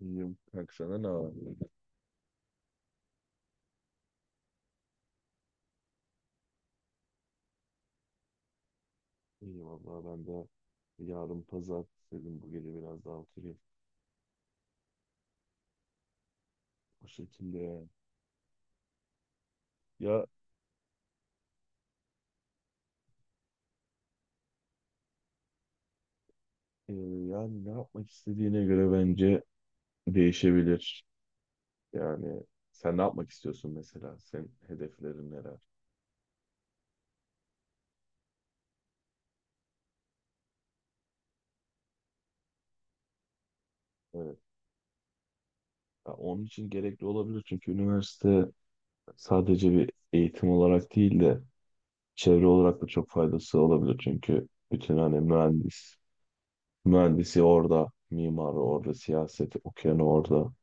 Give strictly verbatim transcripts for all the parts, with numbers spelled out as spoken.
İyiyim. Kanka senden ne var? İyi vallahi ben de yarın pazar dedim bu gece biraz daha oturayım. Bu şekilde yani. Ya e, yani ne yapmak istediğine göre bence değişebilir. Yani sen ne yapmak istiyorsun mesela? Senin hedeflerin neler? Evet. Ya onun için gerekli olabilir çünkü üniversite sadece bir eğitim olarak değil de çevre olarak da çok faydası olabilir. Çünkü bütün hani mühendis Mühendisi orada, mimarı orada, siyaseti okuyanı orada,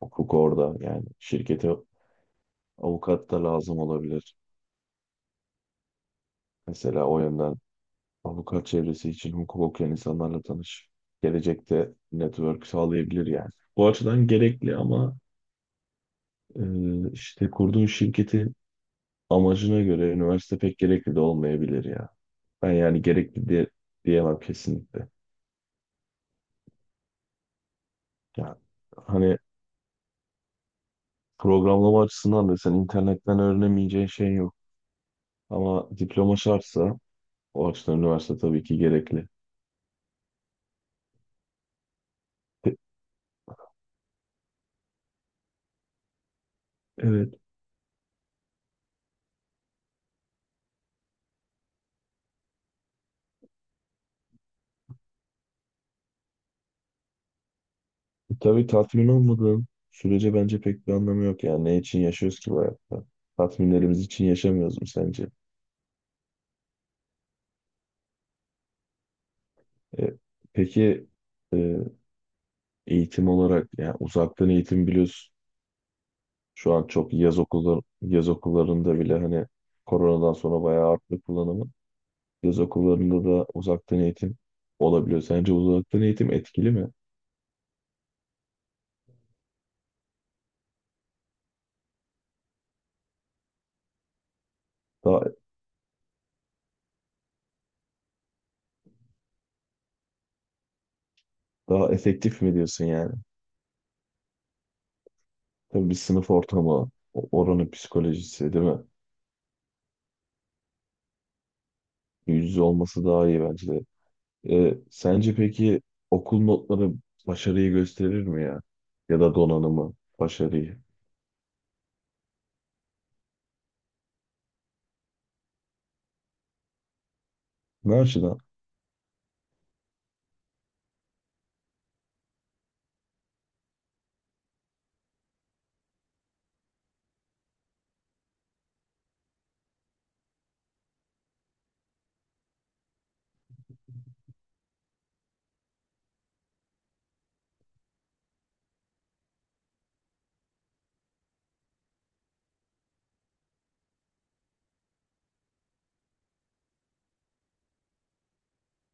hukuk orada. Yani şirkete avukat da lazım olabilir. Mesela o yönden avukat çevresi için hukuk okuyan insanlarla tanış. Gelecekte network sağlayabilir yani. Bu açıdan gerekli ama e, işte kurduğun şirketin amacına göre üniversite pek gerekli de olmayabilir ya. Ben yani gerekli diye, diyemem kesinlikle. Yani hani programlama açısından da sen internetten öğrenemeyeceğin şey yok. Ama diploma şartsa o açıdan üniversite tabii ki gerekli. E- Evet. E, Tabii tatmin olmadığın sürece bence pek bir anlamı yok. Yani ne için yaşıyoruz ki bu hayatta? Tatminlerimiz için yaşamıyoruz mu sence? E, peki e, eğitim olarak yani uzaktan eğitim biliyorsun. Şu an çok yaz okulları, yaz okullarında bile hani koronadan sonra bayağı arttı kullanımı. Yaz okullarında da uzaktan eğitim olabiliyor. Sence uzaktan eğitim etkili mi? Daha daha efektif mi diyorsun yani? Tabii bir sınıf ortamı, o- oranın psikolojisi değil mi? Yüz yüze olması daha iyi bence de. Ee, sence peki okul notları başarıyı gösterir mi ya? Ya da donanımı, başarıyı? Ne açıdan?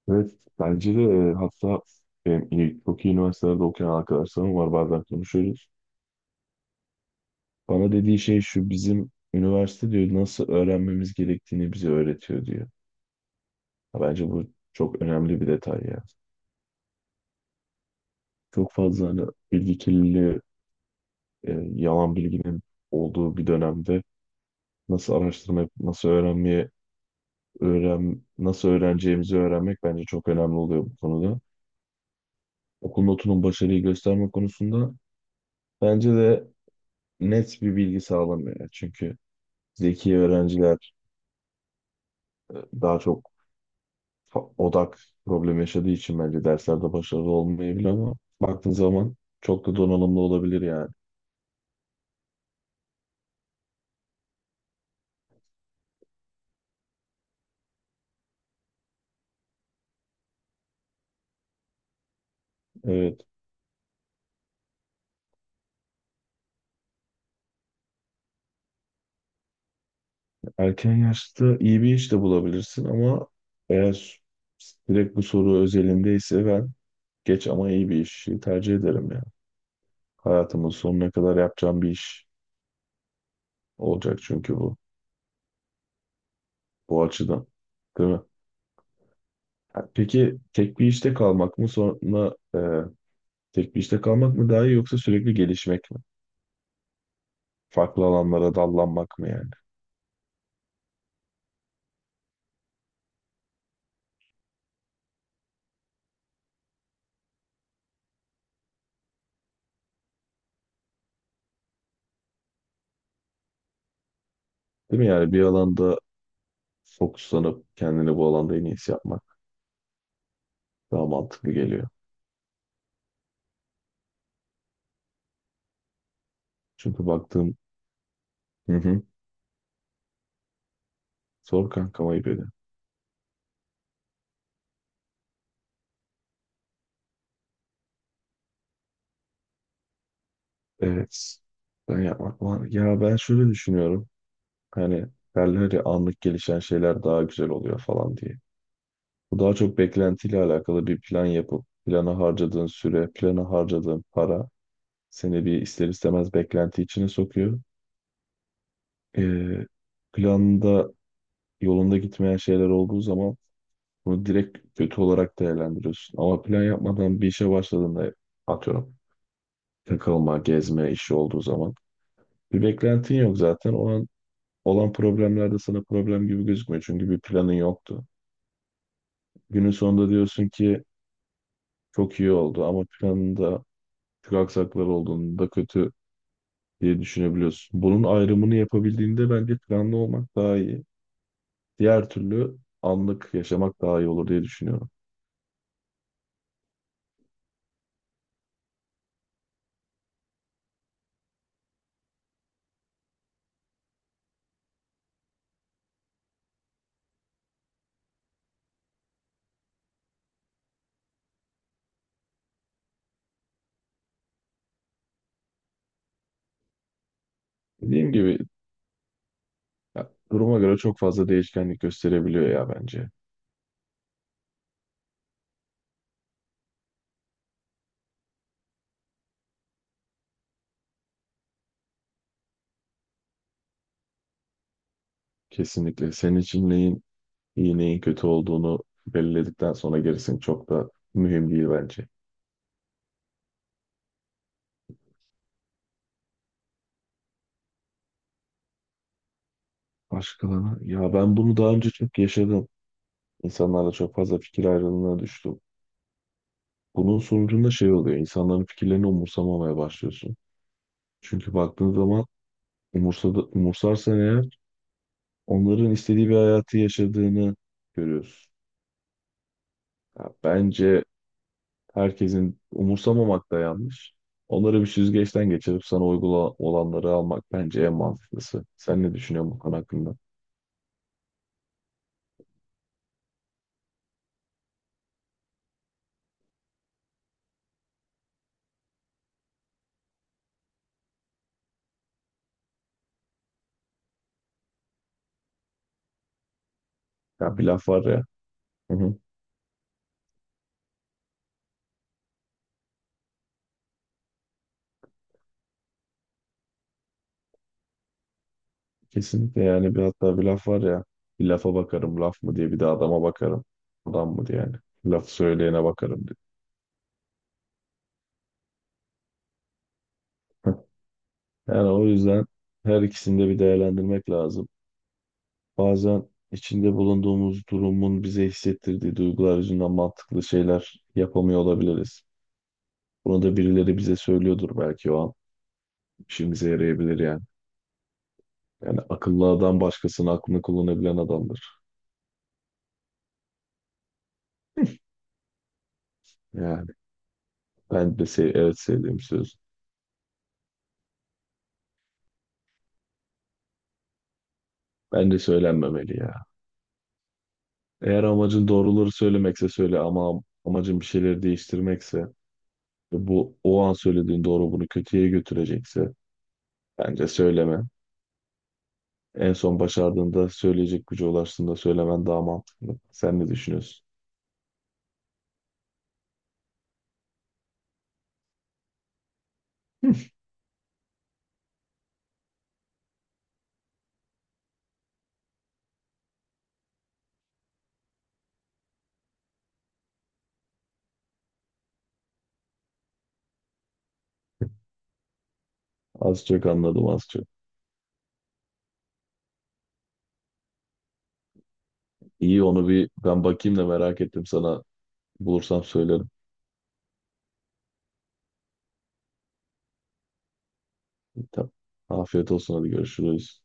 Evet, bence de e, hatta benim iyi, çok iyi üniversitelerde okuyan arkadaşlarım var, bazen konuşuyoruz. Bana dediği şey şu: bizim üniversite diyor nasıl öğrenmemiz gerektiğini bize öğretiyor diyor. Ha, bence bu çok önemli bir detay ya. Çok fazla hani bilgi kirliliği, e, yalan bilginin olduğu bir dönemde nasıl araştırma yapıp nasıl öğrenmeye, öğren, nasıl öğreneceğimizi öğrenmek bence çok önemli oluyor bu konuda. Okul notunun başarıyı gösterme konusunda bence de net bir bilgi sağlamıyor. Yani çünkü zeki öğrenciler e, daha çok fa- odak problemi yaşadığı için bence derslerde başarılı olmayabilir ama baktığın zaman çok da donanımlı olabilir yani. Evet. Erken yaşta iyi bir iş de bulabilirsin ama eğer direkt bu soru özelindeyse ben geç ama iyi bir işi tercih ederim ya. Hayatımın sonuna kadar yapacağım bir iş olacak çünkü bu. Bu açıdan. Değil mi? Ha, peki tek bir işte kalmak mı sonra e, tek bir işte kalmak mı daha iyi yoksa sürekli gelişmek mi? Farklı alanlara dallanmak mı yani? Değil mi? Yani bir alanda fokuslanıp kendini bu alanda en iyisi yapmak daha mantıklı geliyor. Çünkü baktığım. Hı hı, zor kankam, ayıp ediyorum. Evet. Ben yapmak var. Ya ben şöyle düşünüyorum. Hani derler ya, anlık gelişen şeyler daha güzel oluyor falan diye. Bu daha çok beklentiyle alakalı, bir plan yapıp plana harcadığın süre, plana harcadığın para seni bir ister istemez beklenti içine sokuyor. Ee, planda yolunda gitmeyen şeyler olduğu zaman bunu direkt kötü olarak değerlendiriyorsun. Ama plan yapmadan bir işe başladığında, atıyorum, takılma, gezme işi olduğu zaman bir beklentin yok zaten. O an olan problemler de sana problem gibi gözükmüyor, çünkü bir planın yoktu. Günün sonunda diyorsun ki çok iyi oldu, ama planında çok aksaklar olduğunda kötü diye düşünebiliyorsun. Bunun ayrımını yapabildiğinde bence planlı olmak daha iyi. Diğer türlü anlık yaşamak daha iyi olur diye düşünüyorum. Dediğim gibi ya, duruma göre çok fazla değişkenlik gösterebiliyor ya bence. Kesinlikle. Senin için neyin iyi, neyin kötü olduğunu belirledikten sonra gerisi çok da mühim değil bence. Başkalarına. Ya ben bunu daha önce çok yaşadım. İnsanlarla çok fazla fikir ayrılığına düştüm. Bunun sonucunda şey oluyor: İnsanların fikirlerini umursamamaya başlıyorsun. Çünkü baktığın zaman umursadı, umursarsan eğer, onların istediği bir hayatı yaşadığını görüyorsun. Ya bence herkesin umursamamak da yanlış. Onları bir süzgeçten geçirip sana uygula olanları almak bence en mantıklısı. Sen ne düşünüyorsun bu konu hakkında? Ya bir laf var ya. Hı hı. Kesinlikle, yani bir hatta bir laf var ya: bir lafa bakarım laf mı diye, bir de adama bakarım adam mı diye, yani laf söyleyene bakarım diye. Yani o yüzden her ikisini de bir değerlendirmek lazım. Bazen içinde bulunduğumuz durumun bize hissettirdiği duygular yüzünden mantıklı şeyler yapamıyor olabiliriz. Bunu da birileri bize söylüyordur belki o an. İşimize yarayabilir yani. Yani akıllı adam başkasının aklını kullanabilen adamdır. Yani ben de sev evet, sevdiğim söz. Bence söylenmemeli ya. Eğer amacın doğruları söylemekse söyle, ama am- amacın bir şeyleri değiştirmekse ve bu o an söylediğin doğru bunu kötüye götürecekse bence söyleme. En son başardığında, söyleyecek güce ulaştığında söylemen daha mantıklı. Sen ne düşünüyorsun? Az çok anladım, az çok. İyi, onu bir ben bakayım da, merak ettim sana. Bulursam söylerim. Tamam. Afiyet olsun, hadi görüşürüz.